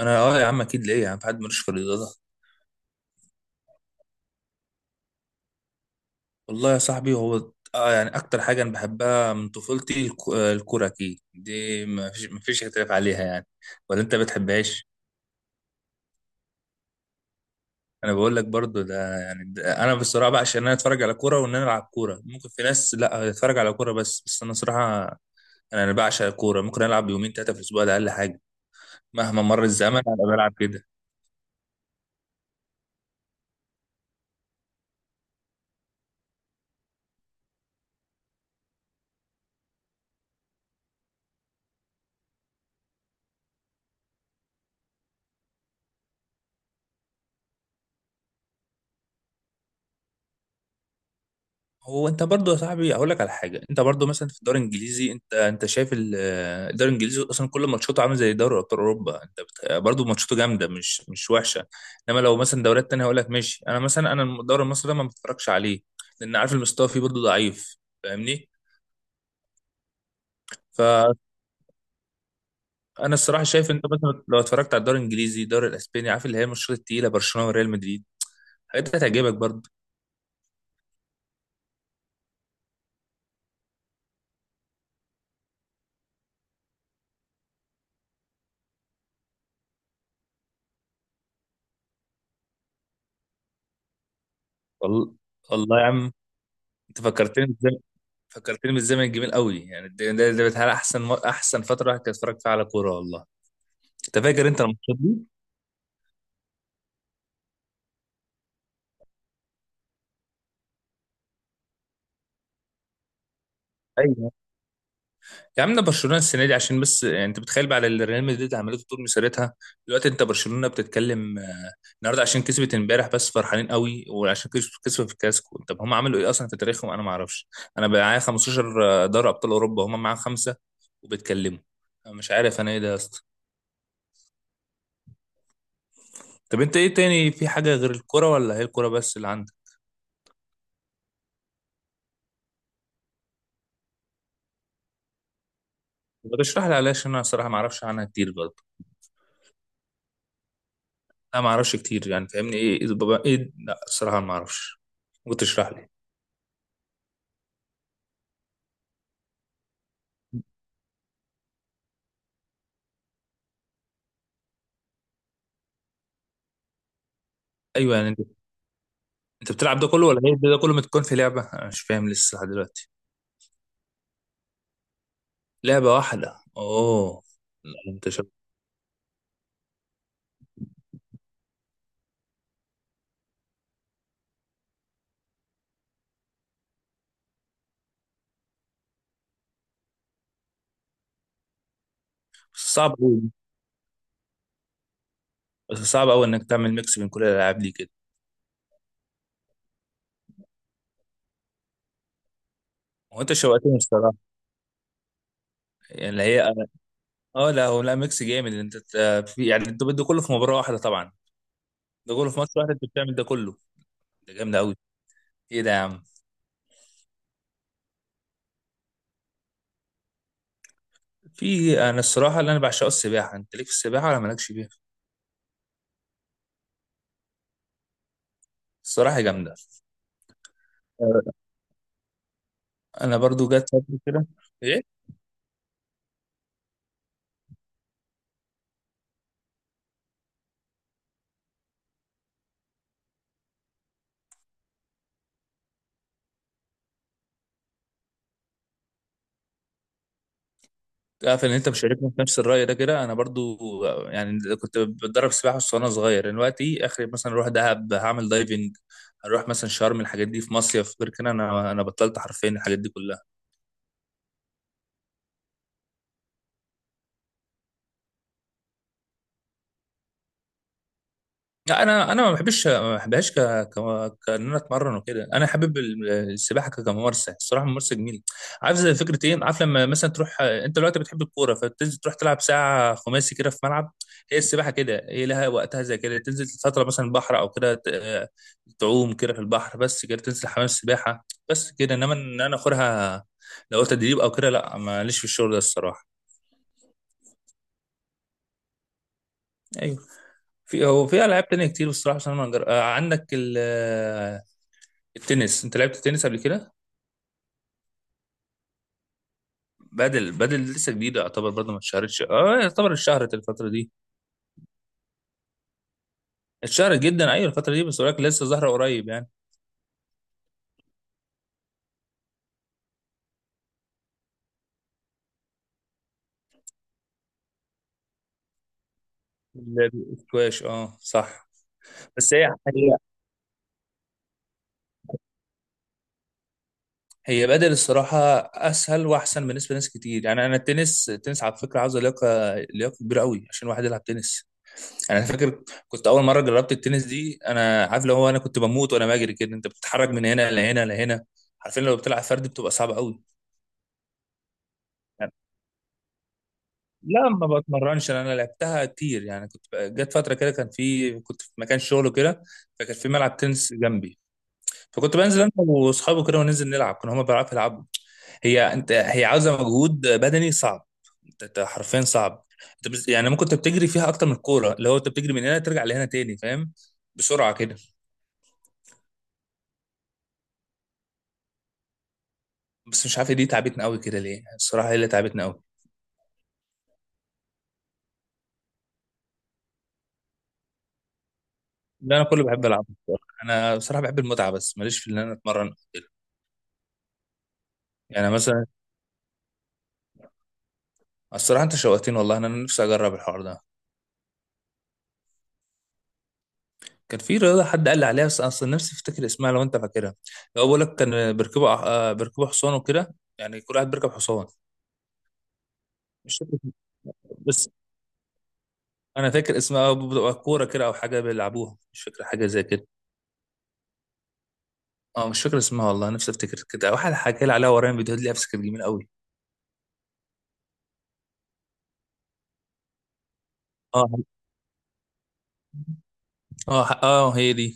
انا يا عم اكيد ليه يا عم في حد ملوش في الرياضه. والله يا صاحبي هو يعني اكتر حاجه انا بحبها من طفولتي الكوره اكيد دي ما فيش اختلاف عليها يعني. ولا انت بتحبهاش؟ انا بقول لك برضو ده يعني ده انا بصراحه بقى، عشان انا اتفرج على كوره وان انا العب كوره. ممكن في ناس لا اتفرج على كوره، بس انا صراحه انا بعشق الكوره. ممكن العب يومين ثلاثه في الاسبوع، ده اقل حاجه. مهما مر الزمن انا بلعب كده. هو انت برضو يا صاحبي اقول لك على حاجه، انت برضو مثلا في الدوري الانجليزي، انت شايف الدوري الانجليزي اصلا كل ماتشاته عامل زي دوري ابطال اوروبا. برضو ماتشاته جامده، مش وحشه. انما لو مثلا دوريات تانية هقول لك ماشي، انا مثلا، الدوري المصري ده ما بتفرجش عليه، لان عارف المستوى فيه برضو ضعيف. فاهمني؟ فانا الصراحه شايف، انت مثلا لو اتفرجت على الدوري الانجليزي، الدوري الاسباني، عارف اللي هي الماتشات التقيله، برشلونه وريال مدريد، الحاجات دي هتعجبك برضو. والله، والله يا عم انت فكرتني، بالزمن الجميل قوي. يعني ده بتهيألي احسن فتره الواحد كان يتفرج فيها على كوره، والله. انت فاكر انت الماتشات دي؟ ايوه يا عم، ده برشلونه السنه دي عشان بس يعني انت بتخيل بقى على اللي ريال مدريد عملته طول مسيرتها. دلوقتي انت برشلونه بتتكلم، النهارده عشان كسبت امبارح بس فرحانين قوي، وعشان كسبوا في الكلاسيكو. طب هم عملوا ايه اصلا في تاريخهم، انا ما اعرفش. انا بقى معايا 15 دوري ابطال اوروبا، هم معاهم خمسه وبيتكلموا. أنا مش عارف انا ايه ده يا اسطى. طب انت ايه تاني، في حاجه غير الكوره ولا هي الكوره بس اللي عندك؟ ما تشرح لي، علاش انا صراحه ما اعرفش عنها كتير برضه. انا ما اعرفش كتير يعني، فاهمني؟ ايه ايه بابا، ايه؟ لا الصراحه ما اعرفش. ممكن تشرح لي؟ ايوه، يعني انت، بتلعب ده كله ولا ايه؟ ده كله متكون في لعبه؟ انا مش فاهم لسه لحد دلوقتي. لعبه واحده؟ اوه. لا انت شو... بس صعب قوي. بس صعب قوي انك تعمل ميكس بين كل الالعاب دي كده. هو انت شوقتني الصراحه. يعني اللي هي، اه لا هو لا، ميكس جامد. انت ت- في يعني انت ده كله في مباراه واحده طبعا؟ ده كله في ماتش واحد انت بتعمل ده كله؟ ده جامد قوي. ايه ده يا عم. في انا الصراحه اللي انا بعشقه السباحه. انت ليك في السباحه ولا مالكش بيها؟ الصراحه جامده. آه، انا برضو جت فتره كده. ايه. عارف ان انت مشاركني في نفس الراي ده كده، انا برضو يعني كنت بتدرب سباحه بس وانا صغير. دلوقتي اخري مثلا اروح دهب هعمل دايفنج، هروح مثلا شرم، الحاجات دي في مصيف. غير كده انا بطلت حرفيا الحاجات دي كلها. لا انا ما بحبش، ما بحبهاش. كان انا اتمرن وكده. انا حابب السباحه كممارسه الصراحه، ممارسه جميله. عارف زي فكره ايه؟ عارف لما مثلا تروح انت دلوقتي بتحب الكوره فتنزل تروح تلعب ساعه خماسي كده في ملعب، هي السباحه كده، هي لها وقتها زي كده، تنزل فتره مثلا البحر او كده تعوم كده في البحر، بس كده تنزل حمام السباحه بس كده. انما ان انا اخرها لو تدريب او كده، لا ماليش في الشغل ده الصراحه. ايوه. في هو في العاب تانية كتير بصراحه. بس انا ما جر- آه، عندك التنس. انت لعبت تنس قبل كده؟ بدل لسه جديده يعتبر برضه، ما اتشهرتش، اه يعتبر اتشهرت الفتره دي. اتشهرت جدا، ايوه الفتره دي، بس ولكن لسه ظاهره قريب يعني. الاسكواش اه صح. بس هي هي بدل الصراحه اسهل واحسن بالنسبه لناس كتير يعني. انا التنس، على فكره عاوز لياقه، كبيره قوي عشان واحد يلعب تنس. يعني انا فاكر كنت اول مره جربت التنس دي، انا عارف لو هو انا كنت بموت وانا بجري كده، انت بتتحرك من هنا لهنا لهنا. عارفين لو بتلعب فردي بتبقى صعبه قوي. لا ما بتمرنش، انا لعبتها كتير يعني. كنت جت فتره كده، كان في كنت في مكان شغل كده، فكان في ملعب تنس جنبي. فكنت بنزل انا واصحابي كده وننزل نلعب، كانوا هما بيعرفوا يلعبوا. هي انت هي عاوزه مجهود بدني صعب. انت حرفيا صعب. يعني ممكن انت بتجري فيها اكتر من الكوره، اللي هو انت بتجري من هنا ترجع لهنا تاني فاهم، بسرعه كده. بس مش عارف دي تعبتنا قوي كده ليه الصراحه، هي اللي تعبتنا قوي. لا انا كله بحب العب الصراحة. انا بصراحه بحب المتعه، بس ماليش في ان انا اتمرن أو كده. يعني مثلا الصراحة انت شوقتني والله، انا نفسي اجرب الحوار ده. كان في رياضة حد قال لي عليها، بس اصلا نفسي افتكر اسمها لو انت فاكرها. لو بقول لك كان بيركبوا، بيركبوا حصان وكده، يعني كل واحد بيركب حصان. مش فاكر اسمها، بس انا فاكر اسمها بتبقى كورة كده او حاجة بيلعبوها، مش فاكر حاجة زي كده. اه مش فاكر اسمها والله، نفسي افتكر. كده واحد حكى لي عليها ورايا فيديوهات ليها، بس كانت جميلة قوي. اه اه اه هي دي.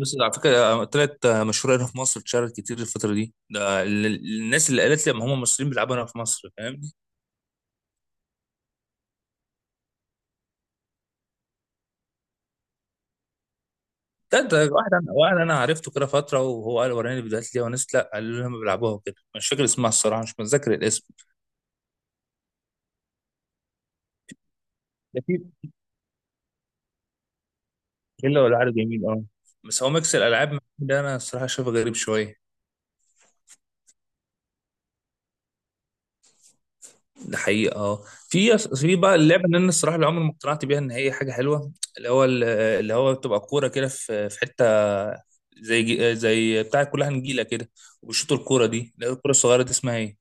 بس على فكره طلعت مشهوره هنا في مصر، اتشهرت كتير الفتره دي. ده الناس اللي قالت لي ما هم مصريين بيلعبوا هنا في مصر، فاهم. ده واحد انا، عرفته كده فتره وهو قال وراني الفيديوهات، ليه وناس لا قالوا لي هم بيلعبوها وكده. مش فاكر اسمها الصراحه، مش متذكر الاسم. ده في كله ولا عارف، جميل اه. بس هو ميكس الالعاب ده انا الصراحه شايفه غريب شويه. ده حقيقه اه. في في بقى اللعبه اللي انا الصراحه اللي عمري ما اقتنعت بيها ان هي حاجه حلوه، اللي هو بتبقى كوره كده في في حته زي زي بتاع كلها نجيله كده، وبيشوطوا الكوره دي، اللي هي الكوره الصغيره دي، اسمها ايه؟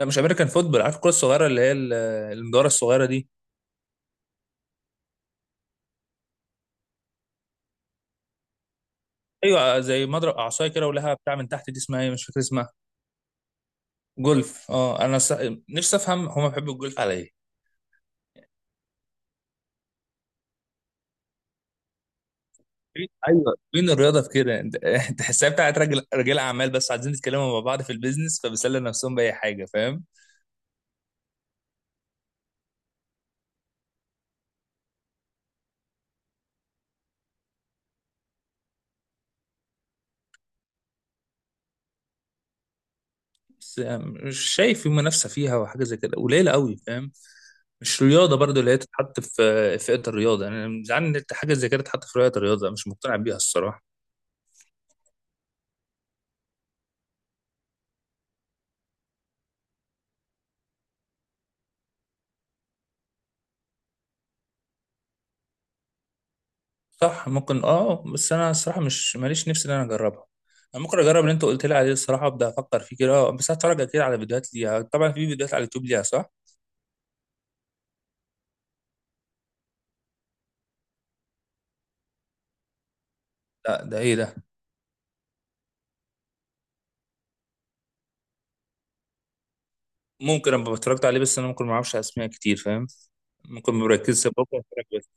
لا مش امريكان فوتبول. عارف الكوره الصغيره اللي هي المدوره الصغيره دي؟ ايوه زي مضرب اعصايه كده ولها بتاع من تحت، دي اسمها ايه؟ مش فاكر اسمها. جولف، اه. نفسي افهم هما بيحبوا الجولف على ايه. ايوه، فين الرياضه في كده؟ تحسها بتاعت رجل، رجال اعمال بس عايزين يتكلموا مع بعض في البيزنس فبيسلوا نفسهم باي حاجه، فاهم. بس مش شايف في منافسه فيها وحاجه زي كده، قليله قوي فاهم. مش رياضه برضو اللي هي تتحط في في فئه الرياضه. انا يعني زعلان ان حاجه زي كده تتحط في فئه الرياضه، مش مقتنع بيها الصراحه. صح، ممكن اه، بس انا الصراحه مش ماليش نفسي ان انا اجربها. انا ممكن اجرب اللي انت قلت لي عليه الصراحه، ابدا افكر فيه كده بس هتفرج اكيد على فيديوهات ليها طبعا، في فيديوهات على اليوتيوب ليها صح؟ لا ده ايه ده؟ ممكن ابقى اتفرجت عليه بس انا ممكن ما اعرفش اسماء كتير فاهم. ممكن ما بركزش، بكره اتفرج بس.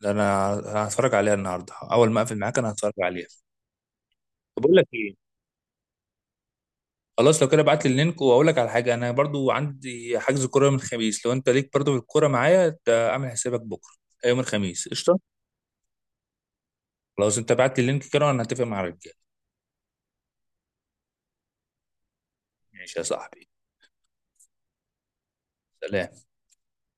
ده انا هتفرج عليها النهارده، اول ما اقفل معاك انا هتفرج عليها. طب اقول لك ايه، خلاص لو كده ابعت لي اللينك. واقول لك على حاجه، انا برضو عندي حجز كوره يوم الخميس، لو انت ليك برضو في الكوره معايا اعمل حسابك بكره يوم الخميس قشطه. خلاص انت بعت لي اللينك كده وانا هتفق مع الرجاله. ماشي يا صاحبي. سلام.